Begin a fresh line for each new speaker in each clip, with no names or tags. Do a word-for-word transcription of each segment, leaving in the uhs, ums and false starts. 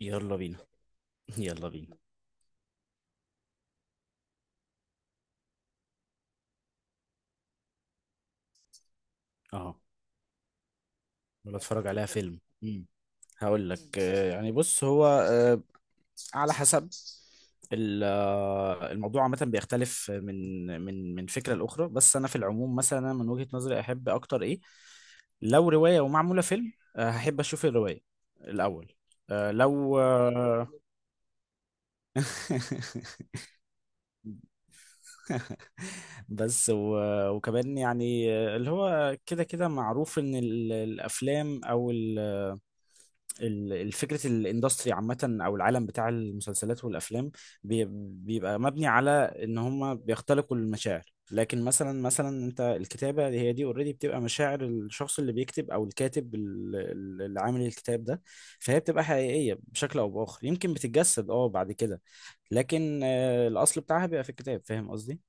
يلا بينا. يلا بينا. اه. ولا اتفرج عليها فيلم مم. هقول لك آه، يعني بص هو آه، على حسب ال- آه، الموضوع عامة بيختلف من من من فكرة لأخرى، بس أنا في العموم مثلا أنا من وجهة نظري أحب أكتر إيه؟ لو رواية ومعمولة فيلم، آه، هحب أشوف الرواية الأول. آه، لو آه، بس و- وكمان يعني آه، اللي هو كده كده معروف إن ال- الأفلام أو ال ال- الفكرة الاندستري عامة أو العالم بتاع المسلسلات والأفلام بي- بيبقى مبني على إن هما بيختلقوا المشاعر. لكن مثلا مثلا أنت الكتابة هي دي اوريدي بتبقى مشاعر الشخص اللي بيكتب أو الكاتب ال- ال- اللي عامل الكتاب ده، فهي بتبقى حقيقية بشكل أو بآخر، يمكن بتتجسد أه بعد كده، لكن آه، الأصل بتاعها بيبقى في الكتاب. فاهم قصدي؟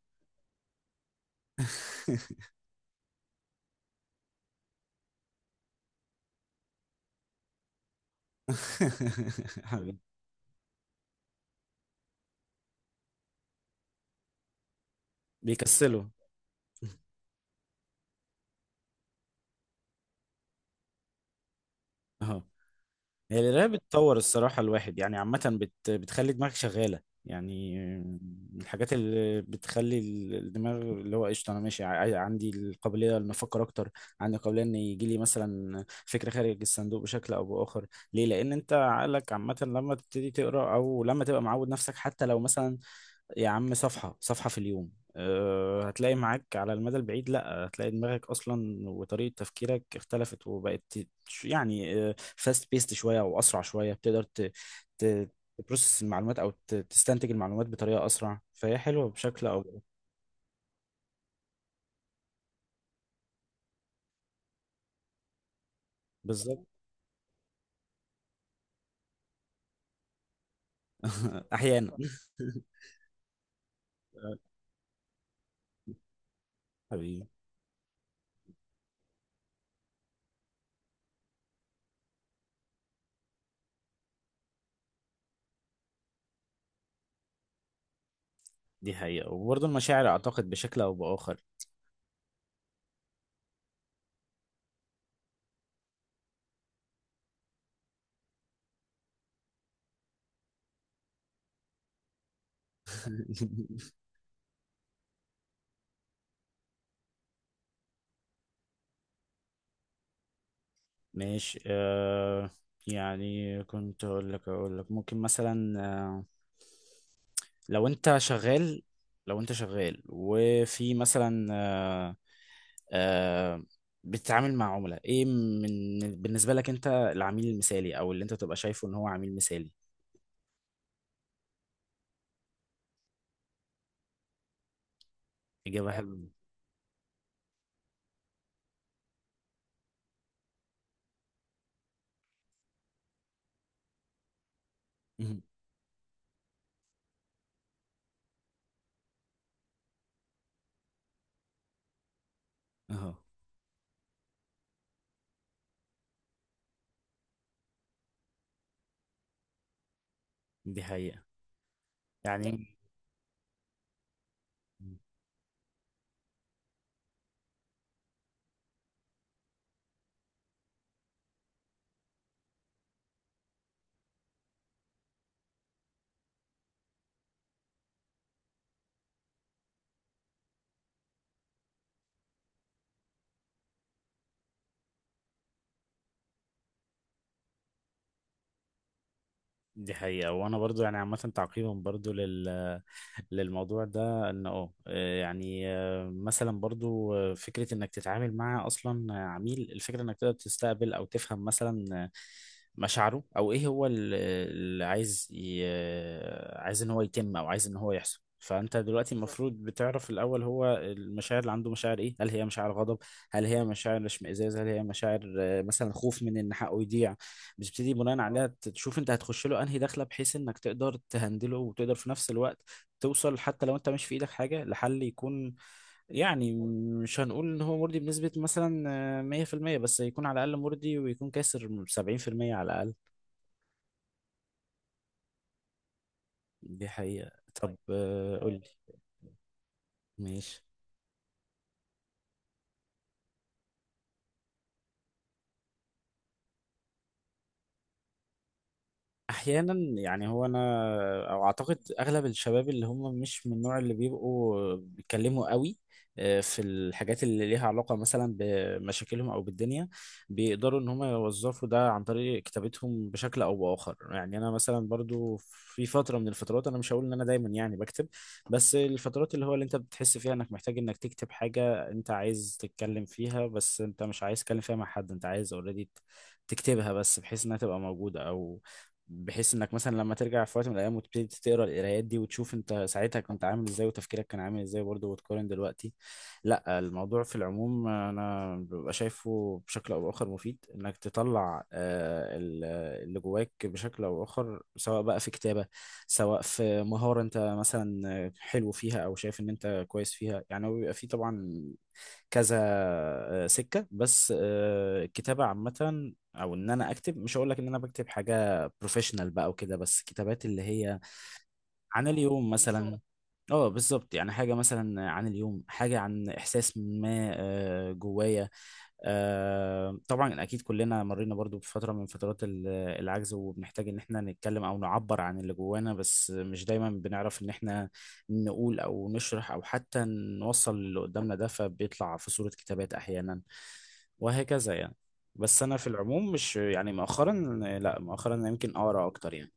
حبيبي. بيكسلوا. هي القراية بتطور الصراحة الواحد، يعني عامة بت... بتخلي دماغك شغالة يعني. من الحاجات اللي بتخلي ال- الدماغ اللي هو قشطة أنا ماشي ع- عندي القابلية إن أفكر أكتر، عندي القابلية إن يجي لي مثلا فكرة خارج الصندوق بشكل أو بآخر. ليه؟ لأن أنت عقلك عامة لما تبتدي تقرأ أو لما تبقى معود نفسك، حتى لو مثلا يا عم صفحة صفحة في اليوم، أه هتلاقي معاك على المدى البعيد، لا هتلاقي دماغك أصلا وطريقة تفكيرك اختلفت وبقت ت- ش- يعني فاست بيست شوية أو أسرع شوية، بتقدر ت- ت- تبروسس المعلومات أو ت- تستنتج المعلومات بطريقة أسرع، فهي حلوة بشكل أو بآخر. بالظبط. أحيانا. حبيبي. دي حقيقة، وبرضه المشاعر أعتقد بشكل أو بآخر. ماشي أه. يعني كنت أقول لك أقول لك ممكن مثلا آه، لو انت شغال، لو انت شغال وفي مثلا آه، آه، بتتعامل مع عملاء ايه، من بالنسبة لك انت العميل المثالي او اللي انت تبقى شايفه ان هو عميل مثالي؟ اجابة حلوة. مهم. اهو. دي حقيقة يعني. دي حقيقة، وانا برضو يعني عامة تعقيبا برضو لل للموضوع ده، ان اه آه، يعني آه، مثلا برضو آه، فكرة انك تتعامل مع اصلا عميل، الفكرة انك تقدر تستقبل او تفهم مثلا آه، مشاعره او ايه هو ال- اللي عايز ي- آه، عايز ان هو يتم او عايز ان هو يحصل. فانت دلوقتي بالظبط المفروض بتعرف الاول هو المشاعر اللي عنده مشاعر ايه، هل هي مشاعر غضب، هل هي مشاعر اشمئزاز، هل هي مشاعر آه، مثلا خوف من ان حقه يضيع. بتبتدي بناء اه عليها، تشوف انت هتخش له انهي دخله بحيث انك تقدر تهندله، وتقدر في نفس الوقت توصل حتى لو انت مش في ايدك حاجة لحل يكون يعني، مش هنقول ان هو مرضي بنسبة مثلا آه، مية في المية، بس يكون على الاقل مرضي، ويكون كاسر سبعين في المية على الاقل. دي حقيقة. طب آه، قول لي. ماشي. احيانا، يعني هو انا او اعتقد اغلب الشباب اللي هم مش من النوع اللي بيبقوا بيتكلموا قوي آه، في الحاجات اللي ليها علاقة مثلا بمشاكلهم او بالدنيا، بيقدروا ان هم يوظفوا ده عن طريق كتابتهم بشكل او باخر. يعني انا مثلا برضو في فترة من الفترات، انا مش هقول ان انا دايما يعني بكتب، بس الفترات اللي هو اللي انت بتحس فيها انك محتاج انك تكتب حاجة، انت عايز تتكلم فيها بس انت مش عايز تتكلم فيها مع حد، انت عايز اوريدي تكتبها بس بحيث انها تبقى موجودة، او بحيث انك مثلا لما ترجع في وقت من الايام وتبتدي تقرا القرايات دي وتشوف انت ساعتها كنت عامل ازاي وتفكيرك كان عامل ازاي برضه وتقارن دلوقتي. لا الموضوع في العموم انا ببقى شايفه بشكل او باخر مفيد انك تطلع آه، ال- اللي جواك بشكل او باخر، سواء بقى في كتابة، سواء في مهارة انت مثلا حلو فيها او شايف ان انت كويس فيها. يعني هو بيبقى فيه طبعا كذا آه، سكة، بس آه، الكتابة عامة او ان انا اكتب، مش هقول لك ان انا بكتب حاجة بروفيشنال بقى وكده، بس كتابات اللي هي عن اليوم دي مثلا شغل. اه بالظبط، يعني حاجة مثلا عن اليوم، حاجة عن احساس ما آه، جوايا. آه، طبعا اكيد كلنا مرينا برضو بفتره من فترات ال- العجز، وبنحتاج ان احنا نتكلم او نعبر عن اللي جوانا، بس مش دايما بنعرف ان احنا نقول او نشرح او حتى نوصل اللي قدامنا ده، فبيطلع في صوره كتابات احيانا وهكذا يعني. بس انا في العموم مش يعني مؤخرا، لا مؤخرا أنا يمكن اقرا اكتر يعني.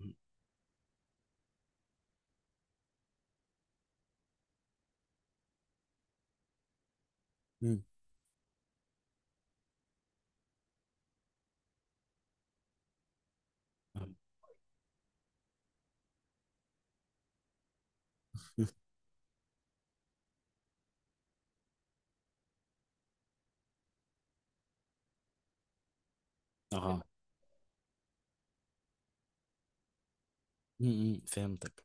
م- م- اه. م- م، فهمتك.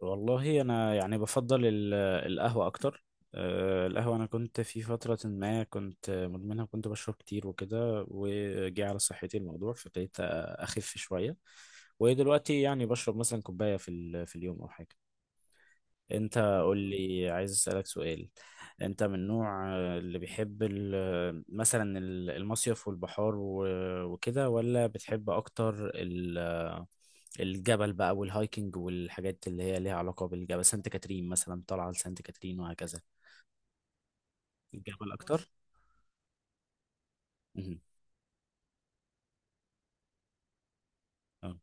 والله انا يعني بفضل ال- القهوه اكتر. آه، القهوه انا كنت في فتره ما كنت مدمنها وكنت بشرب كتير وكده، وجي على صحتي الموضوع فبقيت اخف شويه. ودلوقتي يعني بشرب مثلا كوبايه في ال- في اليوم او حاجه. انت قول لي، عايز اسالك سؤال. انت من النوع آه، اللي بيحب ال- مثلا ال- المصيف والبحار و- وكده، ولا بتحب اكتر ال- آه، الجبل بقى والهايكنج والحاجات اللي هي ليها علاقة بالجبل، سانت كاترين مثلا، طالعة لسانت كاترين وهكذا؟ الجبل اكتر. مهم. اه.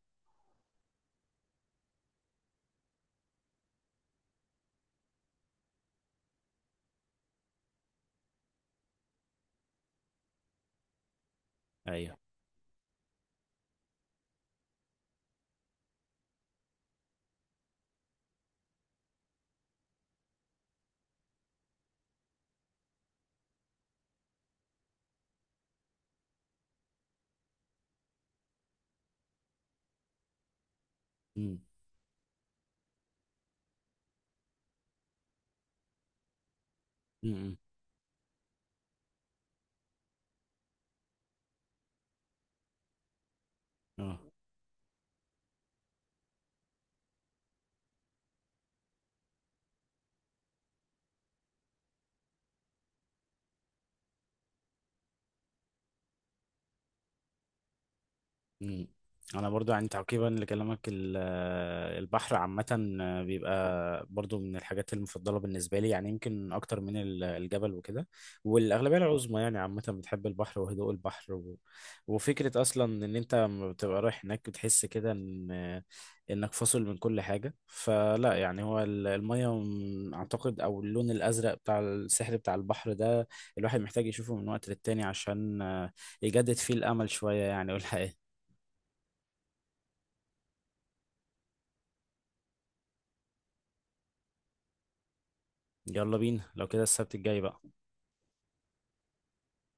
ايوه. مم. مم. اه. مم. انا برضو يعني تعقيبا لكلامك ال- آه، البحر عامة بيبقى برضو من الحاجات المفضلة بالنسبة لي، يعني يمكن أكتر من ال- الجبل وكده. والأغلبية العظمى يعني عامة بتحب البحر وهدوء البحر و... وفكرة أصلا إن أنت لما بتبقى رايح هناك بتحس كده إن إنك فاصل من كل حاجة. فلا يعني هو ال- المية م- أعتقد أو اللون الأزرق بتاع السحر بتاع البحر ده الواحد محتاج يشوفه من وقت للتاني عشان آه، يجدد فيه الأمل شوية يعني. والحقيقة يلا بينا لو كده السبت الجاي بقى.